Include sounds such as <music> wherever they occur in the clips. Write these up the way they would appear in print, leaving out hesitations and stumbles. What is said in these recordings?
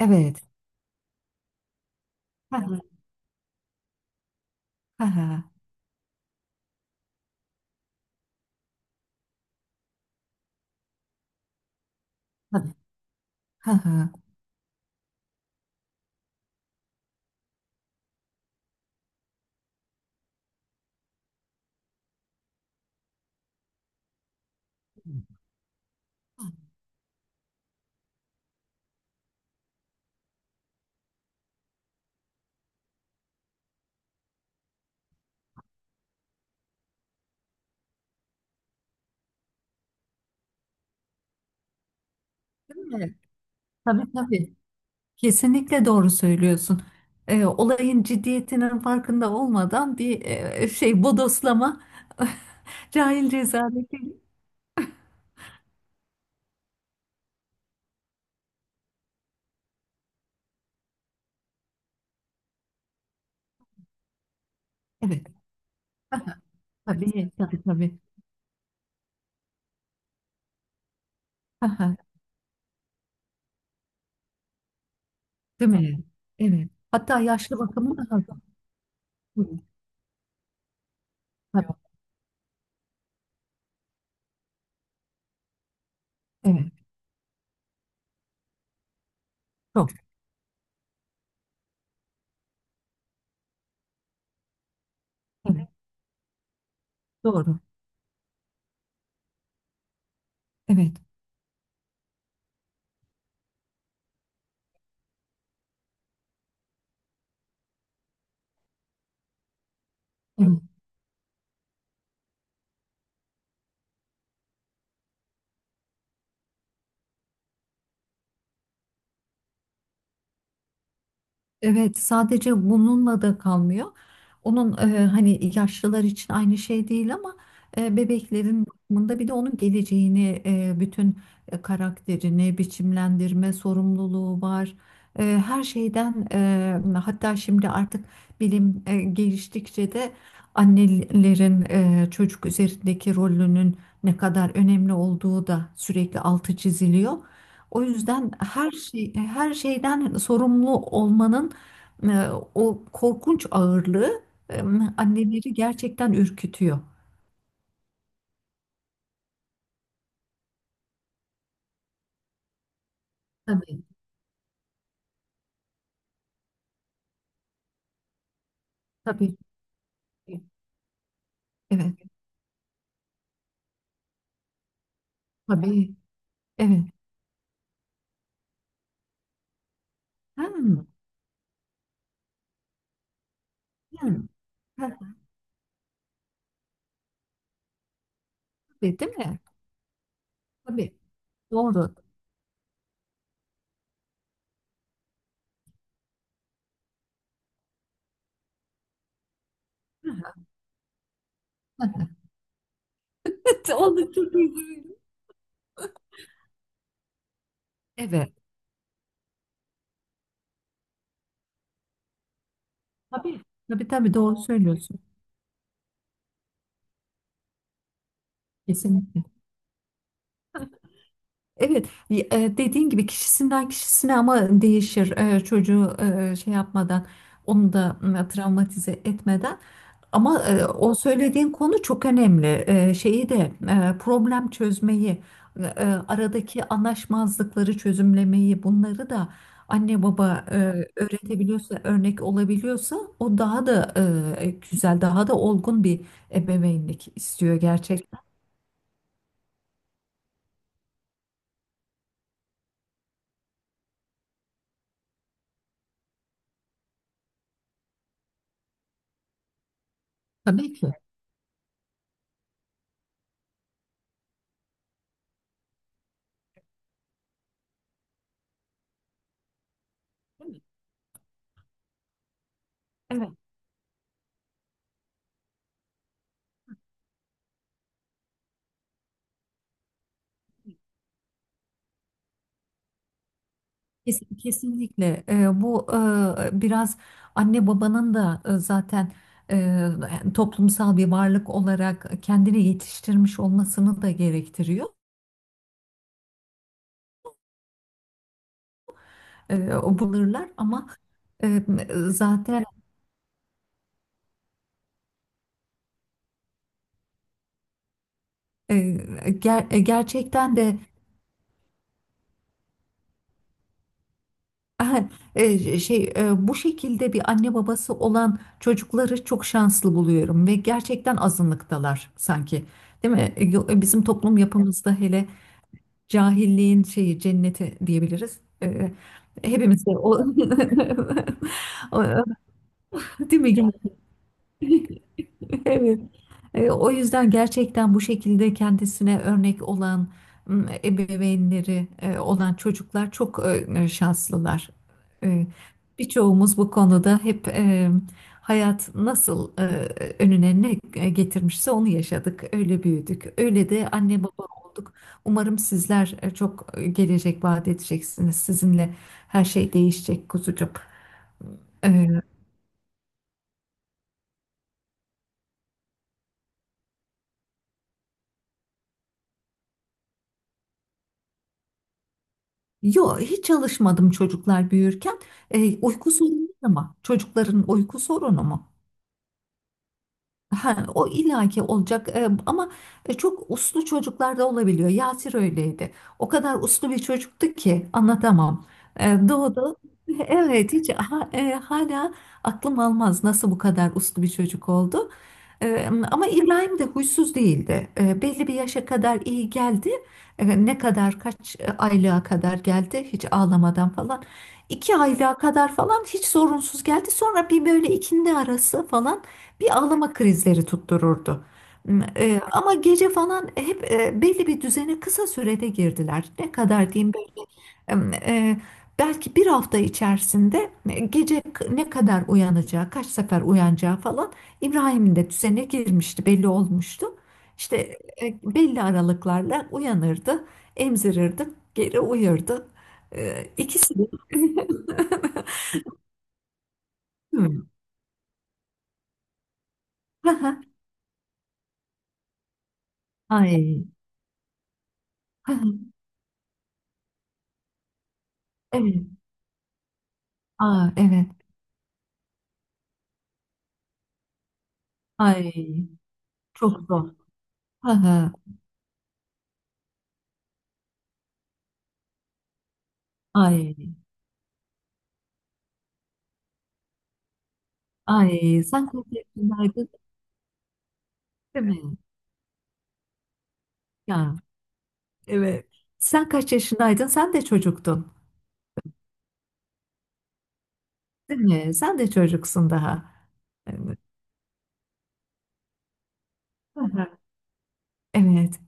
Evet. Ha ha ha ha. Tabii. Ha ha. Değil mi? Tabii, tabii. Kesinlikle doğru söylüyorsun. Olayın ciddiyetinin farkında olmadan bir şey bodoslama <laughs> cahil cezaleti. Evet. Ha ha. Tabii, tabii, tabii. Ha ha. Değil mi? Evet. Hatta yaşlı bakımı da hazır. Evet. Tabii. Evet. Çok. Evet. Doğru. Evet. Evet. Evet, sadece bununla da kalmıyor. Onun, hani yaşlılar için aynı şey değil ama bebeklerin bakımında bir de onun geleceğini, bütün karakterini biçimlendirme sorumluluğu var. Her şeyden hatta şimdi artık bilim geliştikçe de annelerin çocuk üzerindeki rolünün ne kadar önemli olduğu da sürekli altı çiziliyor. O yüzden her şeyden sorumlu olmanın e, o korkunç ağırlığı e, anneleri gerçekten ürkütüyor. Tabii, tabii. Evet, tabii. Evet. Hmm, hmm. Ha, tabii, değil mi? Tabii. Doğru. <laughs> Onu çok iyi duydum. Evet. Tabii. Tabii, tabii, doğru söylüyorsun. Kesinlikle. Evet, dediğin gibi kişisinden kişisine ama değişir çocuğu şey yapmadan onu da travmatize etmeden. Ama o söylediğin konu çok önemli. Şeyi de problem çözmeyi, aradaki anlaşmazlıkları çözümlemeyi, bunları da anne baba öğretebiliyorsa, örnek olabiliyorsa o daha da güzel, daha da olgun bir ebeveynlik istiyor gerçekten. Tabii ki. Evet. Kesinlikle. Bu biraz anne babanın da zaten eee, toplumsal bir varlık olarak kendini yetiştirmiş olmasını da gerektiriyor. O bulurlar ama eee, zaten eee, gerçekten de <laughs> şey bu şekilde bir anne babası olan çocukları çok şanslı buluyorum ve gerçekten azınlıktalar sanki. Değil mi? Bizim toplum yapımızda hele. Cahilliğin şeyi cenneti diyebiliriz. Hepimiz de o, <laughs> o- değil mi? <laughs> Evet. O yüzden gerçekten bu şekilde kendisine örnek olan, ebeveynleri olan çocuklar çok şanslılar. E, Birçoğumuz bu konuda hep hayat nasıl önüne ne getirmişse onu yaşadık, öyle büyüdük, öyle de anne baba olduk. Umarım sizler çok gelecek vaat edeceksiniz. Sizinle her şey değişecek kuzucuğum. E, Yok, hiç çalışmadım çocuklar büyürken. Uyku sorunu, ama çocukların uyku sorunu mu? Ha, o illaki olacak. Ama çok uslu çocuklar da olabiliyor. Yasir öyleydi. O kadar uslu bir çocuktu ki anlatamam. Doğdu. Evet, hiç hala aklım almaz nasıl bu kadar uslu bir çocuk oldu. Ama İbrahim de huysuz değildi. Belli bir yaşa kadar iyi geldi. Ne kadar kaç aylığa kadar geldi hiç ağlamadan falan. İki aylığa kadar falan hiç sorunsuz geldi. Sonra bir böyle ikindi arası falan bir ağlama krizleri tuttururdu. Ama gece falan hep belli bir düzene kısa sürede girdiler. Ne kadar diyeyim, e, belki bir hafta içerisinde gece ne kadar uyanacağı, kaç sefer uyanacağı falan İbrahim'in de düzene girmişti, belli olmuştu. İşte, belli aralıklarla uyanırdı, emzirirdi, geri uyurdu. İkisi de. <laughs> Hmm. Aha. Ay. Aha. Evet. Aa, evet. Ay. Çok zor. Aha. Ay. Ay. Sanki hep günaydın, değil mi? Ya. Evet. Sen kaç yaşındaydın? Sen de çocuktun, değil mi? Sen de çocuksun daha. Evet. Aha. Evet.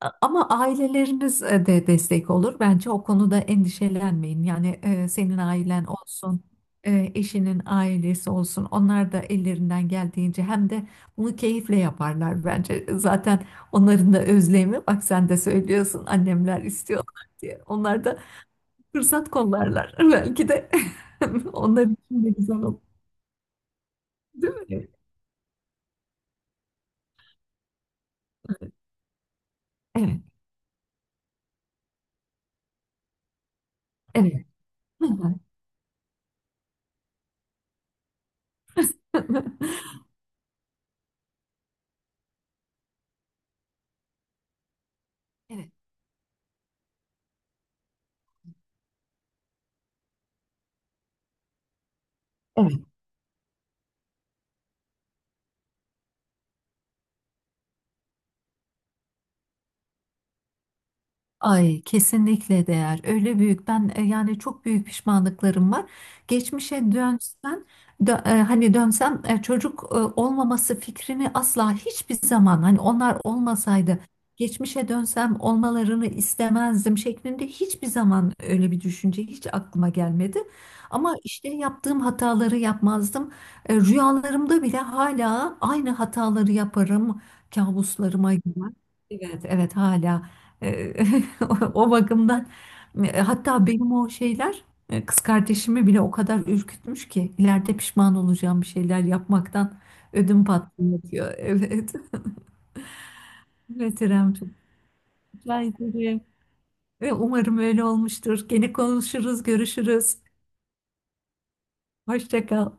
Ama aileleriniz de destek olur. Bence o konuda endişelenmeyin. Yani, senin ailen olsun, eşinin ailesi olsun. Onlar da ellerinden geldiğince hem de bunu keyifle yaparlar bence. Zaten onların da özlemi, bak sen de söylüyorsun annemler istiyorlar diye. Onlar da fırsat kollarlar. Belki de <laughs> onlar için de güzel olur. Değil mi? Evet. Evet. <laughs> Evet. Ay, kesinlikle değer. Öyle büyük ben, yani çok büyük pişmanlıklarım var. Geçmişe dönsen dö- e, Hani dönsem, çocuk olmaması fikrini asla hiçbir zaman, hani onlar olmasaydı geçmişe dönsem olmalarını istemezdim şeklinde hiçbir zaman öyle bir düşünce hiç aklıma gelmedi. Ama işte yaptığım hataları yapmazdım. Rüyalarımda bile hala aynı hataları yaparım. Kabuslarıma girer. Evet, evet, hala. <laughs> <laughs> O bakımdan hatta benim o şeyler kız kardeşimi bile o kadar ürkütmüş ki ileride pişman olacağım bir şeyler yapmaktan ödüm patlıyor diyor. <laughs> Evet. Evet, İrem, çok güzel. Ve umarım öyle olmuştur. Gene konuşuruz, görüşürüz. Hoşça kal.